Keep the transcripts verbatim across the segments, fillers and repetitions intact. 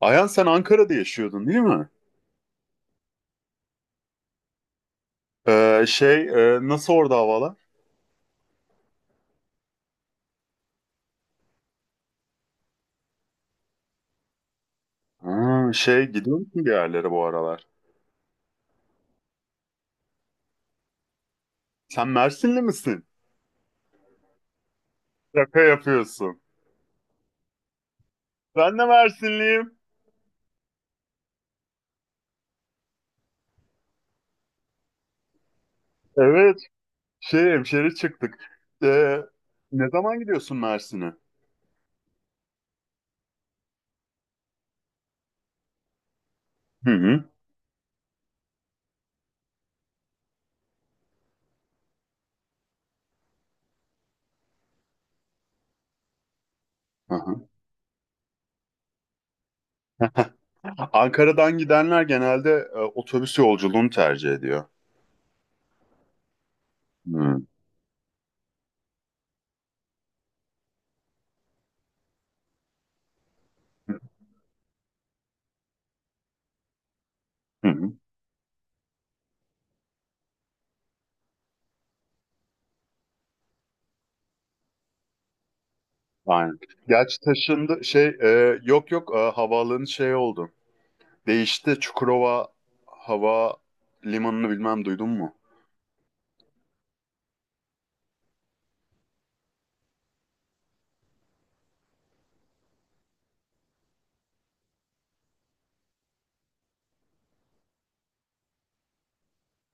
Ayhan sen Ankara'da yaşıyordun değil mi? Ee, şey e, nasıl orada havalar? Ha, şey gidiyor musun bir yerlere bu aralar? Sen Mersinli misin? Şaka yapıyorsun. Ben de Mersinliyim. Evet. Şey hemşeri çıktık. Ee, Ne zaman gidiyorsun Mersin'e? Hı hı. Hı hı. Ankara'dan gidenler genelde e, otobüs yolculuğunu tercih ediyor. Hı hı. Hı. Aynen. Gerçi taşındı şey, e, yok yok, e, havaalanı şey oldu. Değişti. Çukurova hava limanını bilmem duydun mu?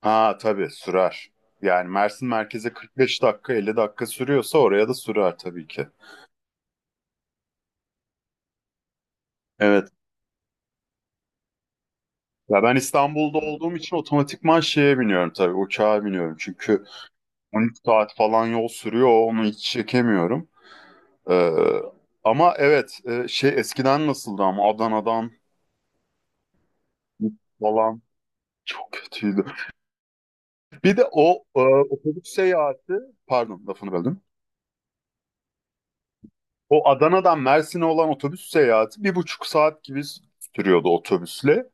Ha, tabii sürer. Yani Mersin merkeze kırk beş dakika elli dakika sürüyorsa oraya da sürer tabii ki. Evet. Ya ben İstanbul'da olduğum için otomatikman şeye biniyorum, tabii uçağa biniyorum. Çünkü on üç saat falan yol sürüyor, onu hiç çekemiyorum. Ee, Ama evet, e, şey eskiden nasıldı, ama Adana'dan falan çok kötüydü. Bir de o e, otobüs seyahati, pardon lafını böldüm. O Adana'dan Mersin'e olan otobüs seyahati bir buçuk saat gibi sürüyordu otobüsle.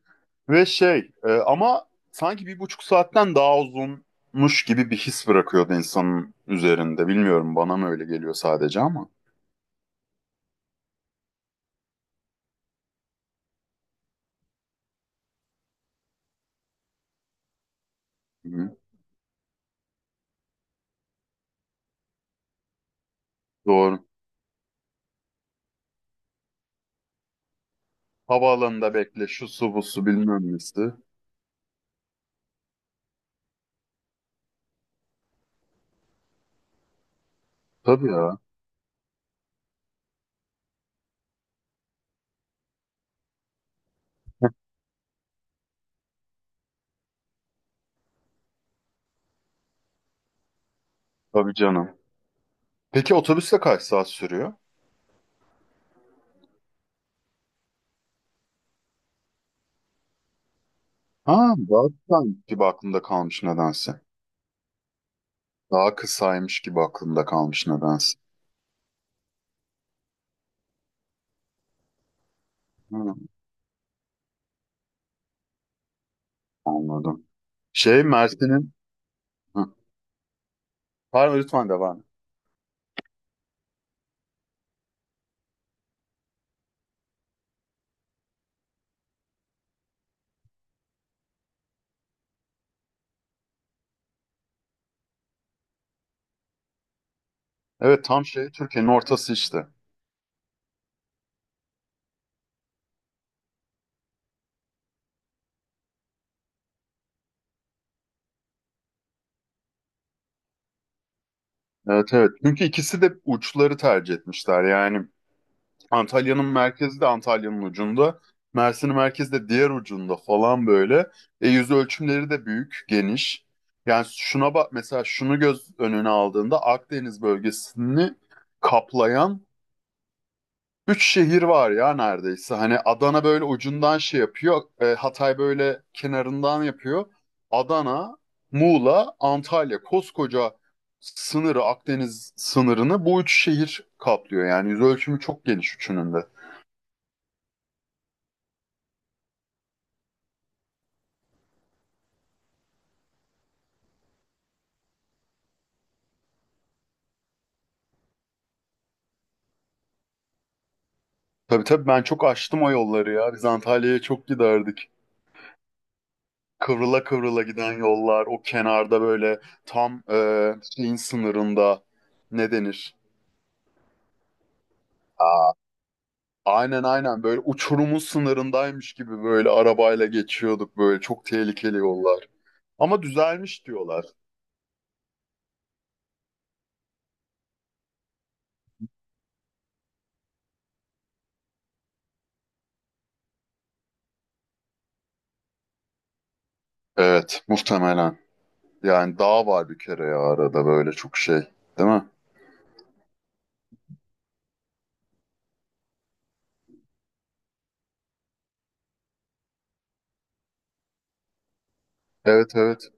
Ve şey, e, ama sanki bir buçuk saatten daha uzunmuş gibi bir his bırakıyordu insanın üzerinde. Bilmiyorum, bana mı öyle geliyor sadece ama. Hı, doğru. Havaalanında bekle, şu su bu su bilmem nesi. Tabii ya. Tabii canım. Peki otobüsle kaç saat sürüyor? Ha, daha kısaymış gibi aklımda kalmış nedense. Daha kısaymış gibi aklımda kalmış nedense. Hı. Anladım. Şey Mersin'in. Hı. Pardon, lütfen devam et. Evet, tam şey Türkiye'nin ortası işte. Evet, evet. Çünkü ikisi de uçları tercih etmişler. Yani Antalya'nın merkezi de Antalya'nın ucunda. Mersin'in merkezi de diğer ucunda falan böyle. E, yüz ölçümleri de büyük, geniş. Yani şuna bak mesela, şunu göz önüne aldığında Akdeniz bölgesini kaplayan üç şehir var ya neredeyse. Hani Adana böyle ucundan şey yapıyor. e, Hatay böyle kenarından yapıyor. Adana, Muğla, Antalya. Koskoca sınırı, Akdeniz sınırını bu üç şehir kaplıyor. Yani yüz ölçümü çok geniş üçünün de. Tabii, tabii, ben çok açtım o yolları ya. Biz Antalya'ya çok giderdik. Kıvrıla kıvrıla giden yollar. O kenarda böyle tam, e, şeyin sınırında, ne denir? Aynen, aynen, böyle uçurumun sınırındaymış gibi böyle arabayla geçiyorduk, böyle çok tehlikeli yollar. Ama düzelmiş diyorlar. Evet, muhtemelen. Yani dağ var bir kere ya, arada böyle çok şey, değil mi? Evet, evet.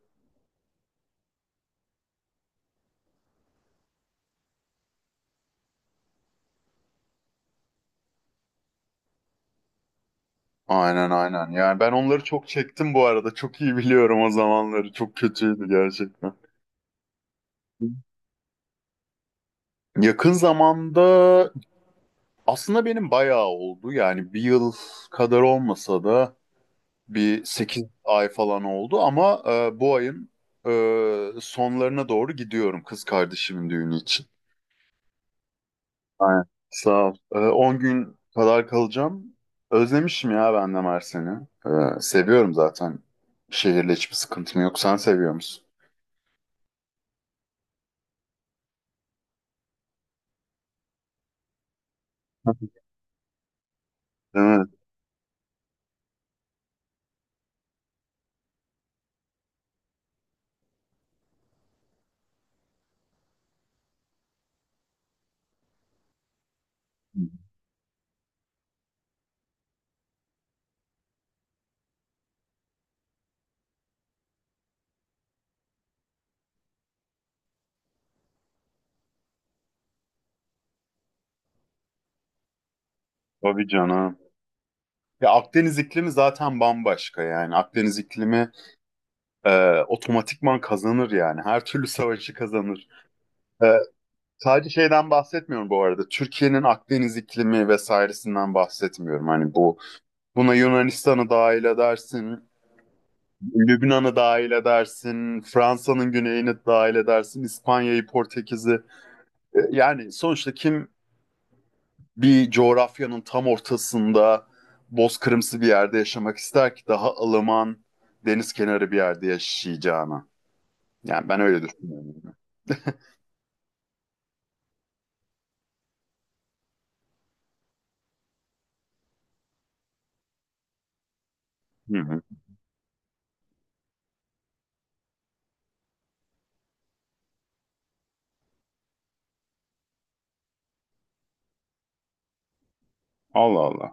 Aynen, aynen. Yani ben onları çok çektim bu arada. Çok iyi biliyorum o zamanları. Çok kötüydü gerçekten. Yakın zamanda aslında benim bayağı oldu. Yani bir yıl kadar olmasa da bir sekiz ay falan oldu, ama e, bu ayın e, sonlarına doğru gidiyorum kız kardeşimin düğünü için. Aynen. Sağ ol. E, on gün kadar kalacağım. Özlemişim ya ben de Mersin'i. E, seviyorum zaten. Şehirle hiçbir sıkıntım yok. Sen seviyor musun? Değil mi? Tabii canım. Ya Akdeniz iklimi zaten bambaşka yani. Akdeniz iklimi e, otomatikman kazanır yani. Her türlü savaşı kazanır. E, Sadece şeyden bahsetmiyorum bu arada. Türkiye'nin Akdeniz iklimi vesairesinden bahsetmiyorum. Hani bu, buna Yunanistan'ı dahil edersin, Lübnan'ı dahil edersin, Fransa'nın güneyini dahil edersin, İspanya'yı, Portekiz'i. E, Yani sonuçta kim bir coğrafyanın tam ortasında bozkırımsı bir yerde yaşamak ister ki daha ılıman deniz kenarı bir yerde yaşayacağına. Yani ben öyle düşünüyorum. Hı hı. Allah Allah.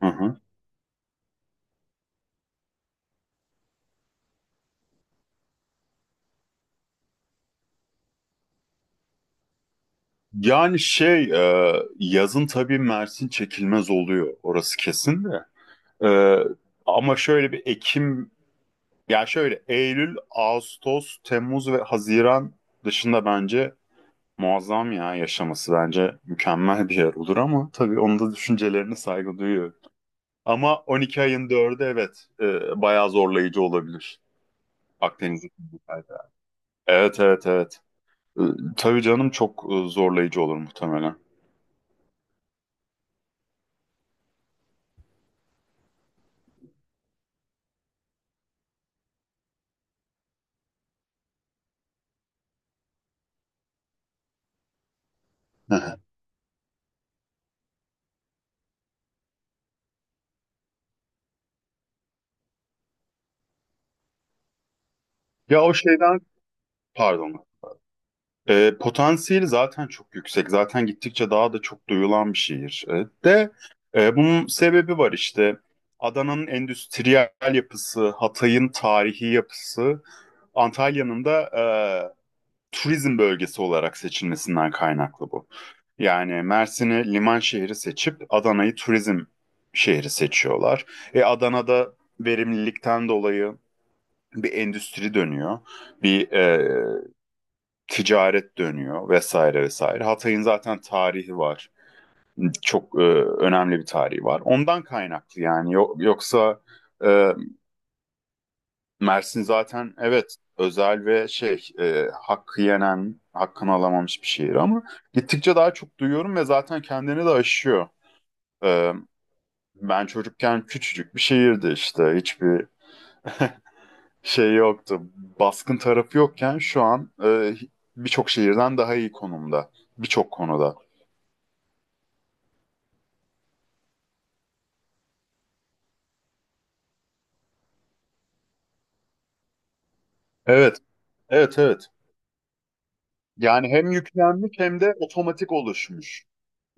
Hı hı. Yani şey, e, yazın tabii Mersin çekilmez oluyor, orası kesin de. E, Ama şöyle bir Ekim, yani şöyle Eylül, Ağustos, Temmuz ve Haziran dışında bence muazzam ya, yaşaması bence mükemmel bir yer olur, ama tabii onun da düşüncelerine saygı duyuyorum. Ama on iki ayın dördü, evet, e, bayağı zorlayıcı olabilir Akdeniz'in bu sayede. Evet, evet, evet. E, tabii canım, çok, e, zorlayıcı olur muhtemelen. Ya o şeyden. Pardon. E, potansiyeli zaten çok yüksek. Zaten gittikçe daha da çok duyulan bir şehir. E, de e, bunun sebebi var işte. Adana'nın endüstriyel yapısı, Hatay'ın tarihi yapısı, Antalya'nın da e, turizm bölgesi olarak seçilmesinden kaynaklı bu. Yani Mersin'i liman şehri seçip Adana'yı turizm şehri seçiyorlar. E, Adana'da verimlilikten dolayı bir endüstri dönüyor. Bir e, ticaret dönüyor vesaire vesaire. Hatay'ın zaten tarihi var. Çok e, önemli bir tarihi var. Ondan kaynaklı yani, Yo- yoksa, e, Mersin zaten evet özel ve şey, e, hakkı yenen, hakkını alamamış bir şehir, ama gittikçe daha çok duyuyorum ve zaten kendini de aşıyor. E, Ben çocukken küçücük bir şehirdi işte, hiçbir şey yoktu. Baskın tarafı yokken şu an e, birçok şehirden daha iyi konumda birçok konuda. Evet, evet, evet. Yani hem yüklenmiş hem de otomatik oluşmuş.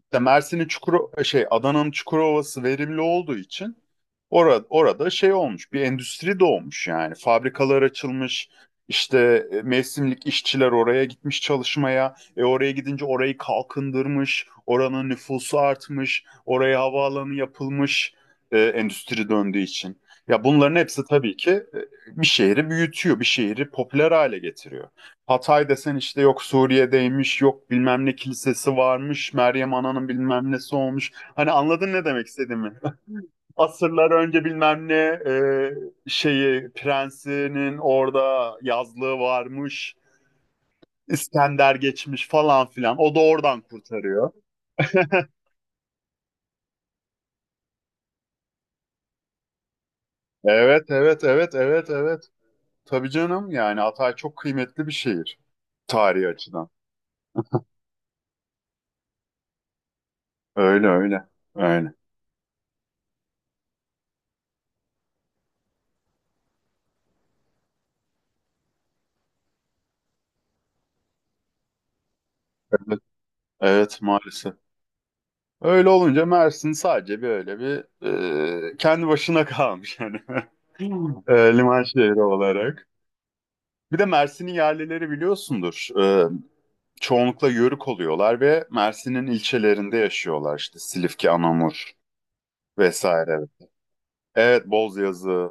İşte Mersin'in, Çukuro şey Adana'nın Çukurova'sı verimli olduğu için orada orada şey olmuş. Bir endüstri doğmuş yani. Fabrikalar açılmış. İşte e, mevsimlik işçiler oraya gitmiş çalışmaya. E oraya gidince orayı kalkındırmış. Oranın nüfusu artmış. Oraya havaalanı yapılmış. E, endüstri döndüğü için. Ya bunların hepsi tabii ki e, bir şehri büyütüyor, bir şehri popüler hale getiriyor. Hatay desen işte yok Suriye'deymiş, yok bilmem ne kilisesi varmış, Meryem Ana'nın bilmem nesi olmuş. Hani anladın ne demek istediğimi? Asırlar önce bilmem ne, e, şeyi prensinin orada yazlığı varmış, İskender geçmiş falan filan. O da oradan kurtarıyor. Evet, evet, evet, evet, evet. Tabii canım, yani Hatay çok kıymetli bir şehir tarihi açıdan. Öyle öyle. Öyle. Evet, evet maalesef. Öyle olunca Mersin sadece böyle bir, e, kendi başına kalmış yani, e, liman şehri olarak. Bir de Mersin'in yerlileri biliyorsundur. E, çoğunlukla Yörük oluyorlar ve Mersin'in ilçelerinde yaşıyorlar, işte Silifke, Anamur vesaire. Evet, Bozyazı,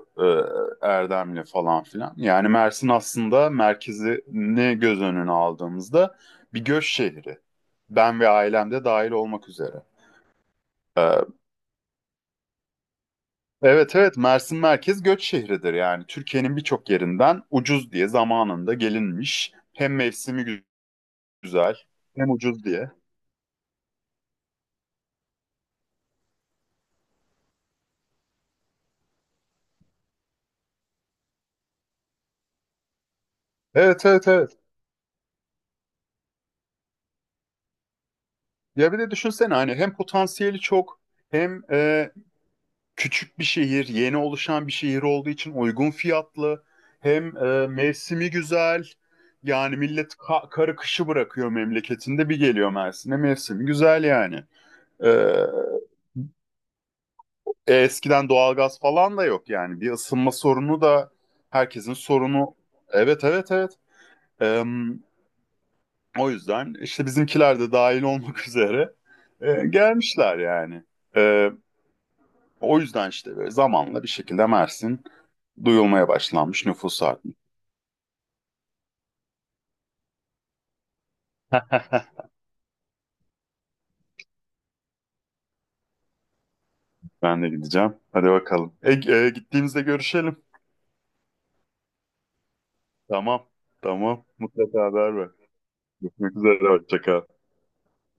e, Erdemli falan filan. Yani Mersin aslında merkezini göz önüne aldığımızda bir göç şehri. Ben ve ailem de dahil olmak üzere. Evet, evet, Mersin merkez göç şehridir, yani Türkiye'nin birçok yerinden ucuz diye zamanında gelinmiş, hem mevsimi gü- güzel hem ucuz diye. Evet, evet, evet, ya bir de düşünsene hani hem potansiyeli çok, hem e, küçük bir şehir yeni oluşan bir şehir olduğu için uygun fiyatlı, hem e, mevsimi güzel yani millet ka- karı kışı bırakıyor memleketinde, bir geliyor Mersin'e, mevsimi güzel yani. E, E, eskiden doğalgaz falan da yok yani. Bir ısınma sorunu da herkesin sorunu. Evet, evet, evet. Em, O yüzden işte bizimkiler de dahil olmak üzere e, gelmişler yani. E, O yüzden işte böyle zamanla bir şekilde Mersin duyulmaya başlanmış, nüfus artmış. Ben de gideceğim. Hadi bakalım. E, e, gittiğimizde görüşelim. Tamam. Tamam. Mutlaka haber ver. Görüşmek üzere. Hoşça kal.